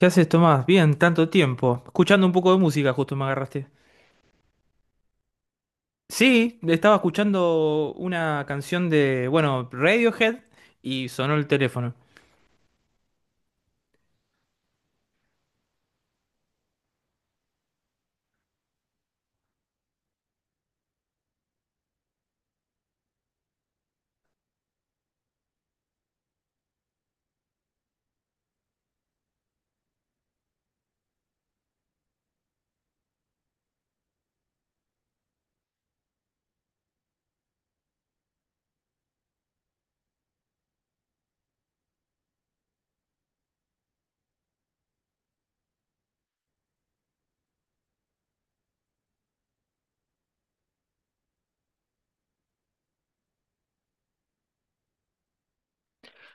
¿Qué haces, Tomás? Bien, tanto tiempo. Escuchando un poco de música, justo me agarraste. Sí, estaba escuchando una canción de, bueno, Radiohead y sonó el teléfono.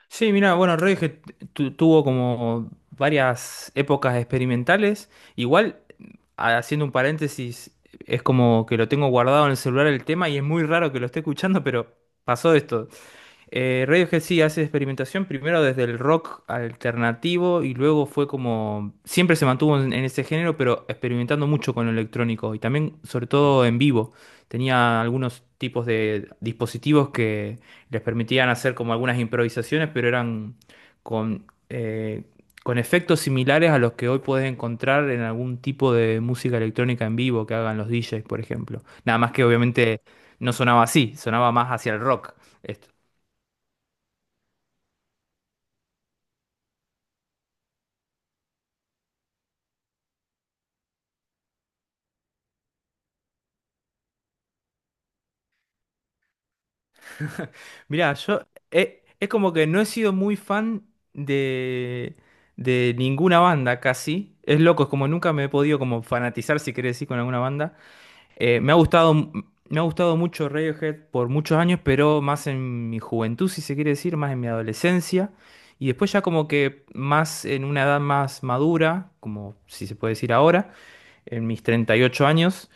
Sí, mira, bueno, Radiohead tuvo como varias épocas experimentales. Igual, haciendo un paréntesis, es como que lo tengo guardado en el celular el tema y es muy raro que lo esté escuchando, pero pasó esto. Radiohead sí hace experimentación primero desde el rock alternativo y luego fue como, siempre se mantuvo en ese género, pero experimentando mucho con lo electrónico y también sobre todo en vivo. Tenía algunos tipos de dispositivos que les permitían hacer como algunas improvisaciones, pero eran con, eh, con efectos similares a los que hoy puedes encontrar en algún tipo de música electrónica en vivo que hagan los DJs, por ejemplo. Nada más que obviamente no sonaba así, sonaba más hacia el rock. Esto. Mirá, yo es como que no he sido muy fan de, de ninguna banda casi. Es loco, es como nunca me he podido como fanatizar, si querés decir, con alguna banda. Me ha gustado, me ha gustado mucho Radiohead por muchos años, pero más en mi juventud, si se quiere decir, más en mi adolescencia. Y después ya como que más en una edad más madura, como si se puede decir ahora en mis 38 años,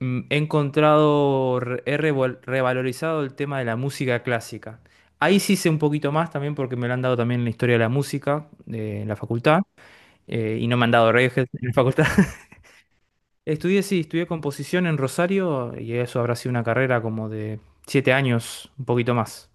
he encontrado, revalorizado el tema de la música clásica. Ahí sí sé un poquito más también porque me lo han dado también en la historia de la música en la facultad y no me han dado redes en la facultad. Estudié, sí, estudié composición en Rosario y eso habrá sido una carrera como de 7 años, un poquito más.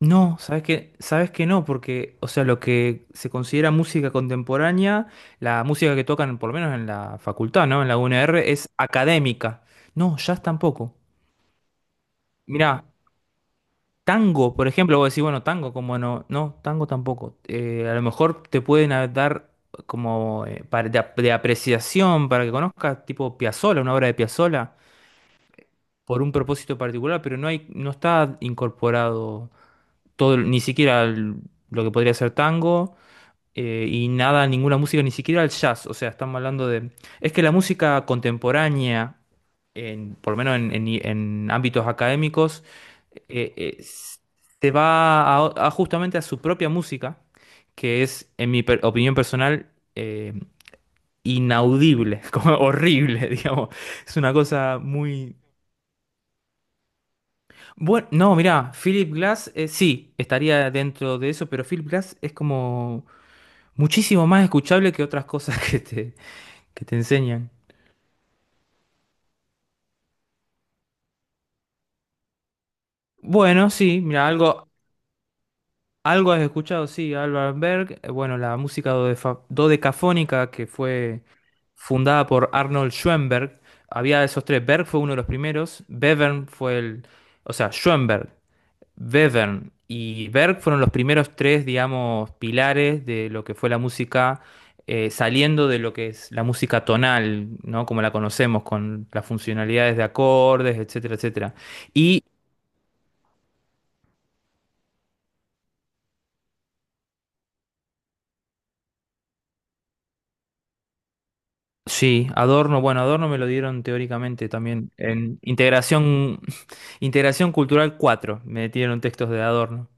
No, sabes que no, porque, o sea, lo que se considera música contemporánea, la música que tocan, por lo menos en la facultad, ¿no? En la UNR, es académica. No, jazz tampoco. Mirá, tango, por ejemplo, vos decís, bueno, tango, como no, no, tango tampoco. A lo mejor te pueden dar como para- de, ap- de apreciación para que conozcas, tipo Piazzolla, una obra de Piazzolla, por un propósito particular, pero no hay, no está incorporado todo, ni siquiera lo que podría ser tango y nada, ninguna música, ni siquiera el jazz. O sea, estamos hablando de... Es que la música contemporánea, en, por lo menos en ámbitos académicos, eh, eh, s- se va a justamente a su propia música, que es, en mi opinión personal, inaudible, como horrible, digamos. Es una cosa muy... Bueno, no, mirá, Philip Glass, sí, estaría dentro de eso, pero Philip Glass es como muchísimo más escuchable que otras cosas que que te enseñan. Bueno, sí, mira, algo has escuchado, sí, Alvar Berg, bueno, la música dodecafónica que fue fundada por Arnold Schoenberg, había esos tres, Berg fue uno de los primeros, Bevern fue el, o sea, Schoenberg, Bevern y Berg fueron los primeros tres, digamos, pilares de lo que fue la música, saliendo de lo que es la música tonal, ¿no? Como la conocemos, con las funcionalidades de acordes, etcétera, etcétera. Y sí, Adorno, bueno, Adorno me lo dieron teóricamente también en Integración, Integración Cultural 4. Me dieron textos de Adorno.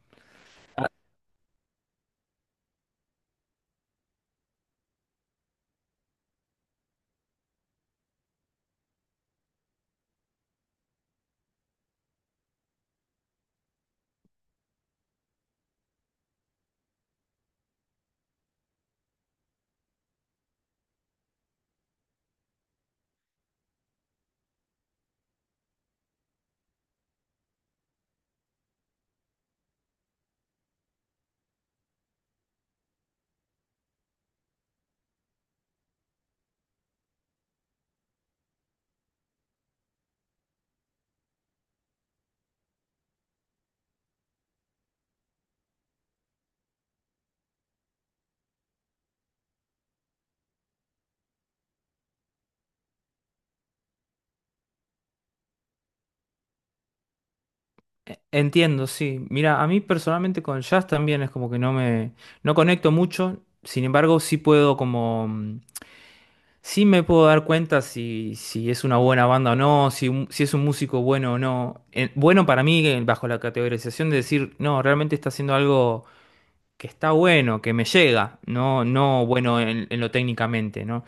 Entiendo, sí. Mira, a mí personalmente con jazz también es como que no me, no conecto mucho, sin embargo sí puedo como, sí me puedo dar cuenta si es una buena banda o no, si, si es un músico bueno o no. Bueno para mí, bajo la categorización de decir, no, realmente está haciendo algo que está bueno, que me llega, no, no bueno en lo técnicamente, ¿no?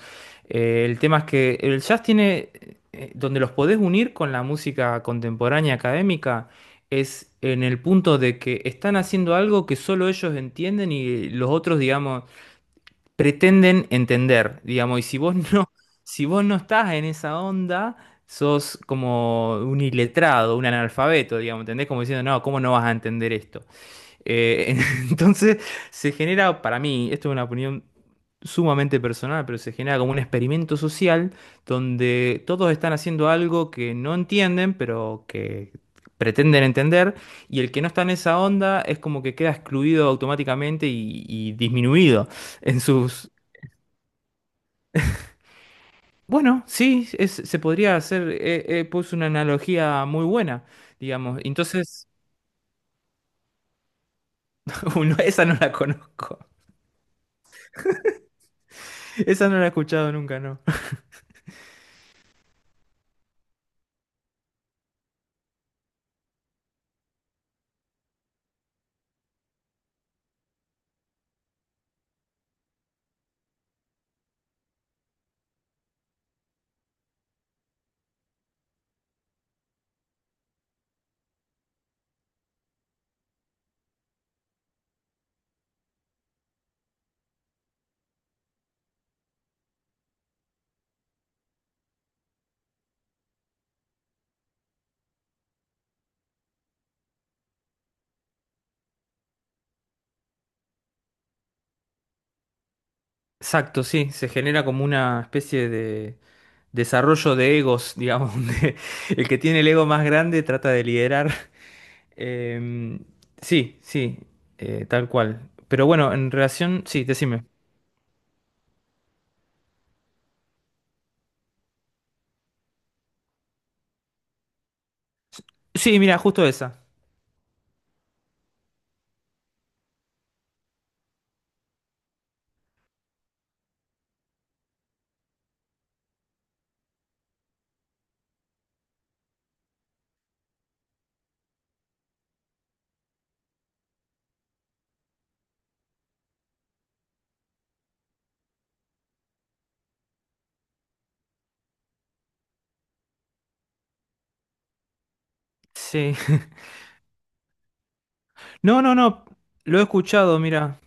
El tema es que el jazz tiene, donde los podés unir con la música contemporánea académica, es en el punto de que están haciendo algo que solo ellos entienden y los otros, digamos, pretenden entender, digamos, y si vos no, si vos no estás en esa onda, sos como un iletrado, un analfabeto, digamos, ¿entendés? Como diciendo, no, ¿cómo no vas a entender esto? Eh, entonces se genera, para mí, esto es una opinión sumamente personal, pero se genera como un experimento social donde todos están haciendo algo que no entienden, pero que pretenden entender, y el que no está en esa onda es como que queda excluido automáticamente y disminuido en sus... Bueno, sí, se podría hacer, puse una analogía muy buena, digamos. Entonces, esa no la conozco, esa no la he escuchado nunca, no. Exacto, sí, se genera como una especie de desarrollo de egos, digamos, donde el que tiene el ego más grande trata de liderar. Em, sí, sí, tal cual. Pero bueno, en relación, sí, decime. Sí, mira, justo esa. Sí. No, no, no, lo he escuchado, mira.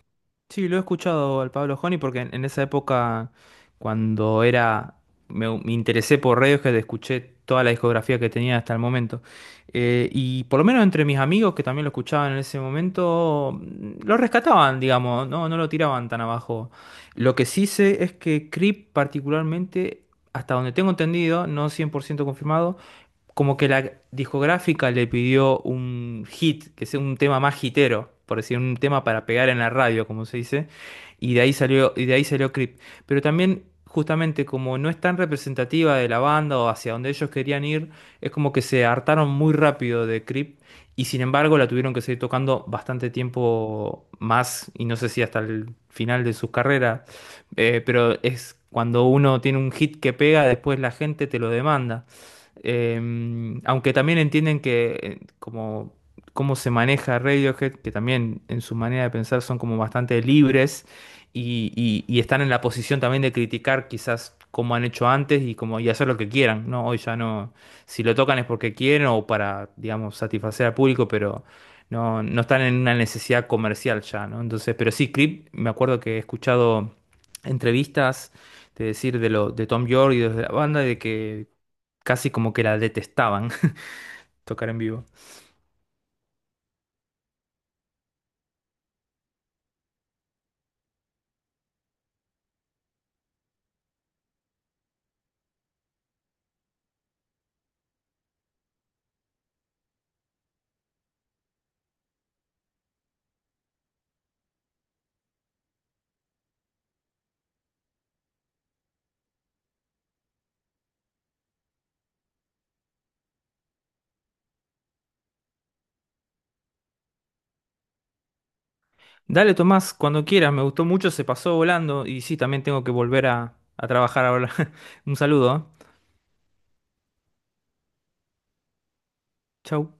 Sí, lo he escuchado al Pablo Joni porque en esa época, cuando era, me interesé por Radiohead, escuché toda la discografía que tenía hasta el momento. Y por lo menos entre mis amigos que también lo escuchaban en ese momento, lo rescataban, digamos, no, no lo tiraban tan abajo. Lo que sí sé es que Creep particularmente, hasta donde tengo entendido, no 100% confirmado, como que la discográfica le pidió un hit, que sea un tema más hitero, por decir, un tema para pegar en la radio, como se dice, y de ahí salió, y de ahí salió Creep. Pero también, justamente, como no es tan representativa de la banda o hacia donde ellos querían ir, es como que se hartaron muy rápido de Creep. Y sin embargo la tuvieron que seguir tocando bastante tiempo más, y no sé si hasta el final de sus carreras, pero es cuando uno tiene un hit que pega, después la gente te lo demanda. Eh, aunque también entienden que como cómo se maneja Radiohead, que también en su manera de pensar son como bastante libres y y están en la posición también de criticar quizás como han hecho antes y como y hacer lo que quieran, ¿no? Hoy ya no, si lo tocan es porque quieren o para, digamos, satisfacer al público, pero no, no están en una necesidad comercial ya, ¿no? Entonces, pero sí, Creep, me acuerdo que he escuchado entrevistas de decir de lo de Tom York y de la banda de que casi como que la detestaban tocar en vivo. Dale, Tomás, cuando quieras, me gustó mucho, se pasó volando y sí, también tengo que volver a trabajar ahora. Un saludo, ¿eh? Chau.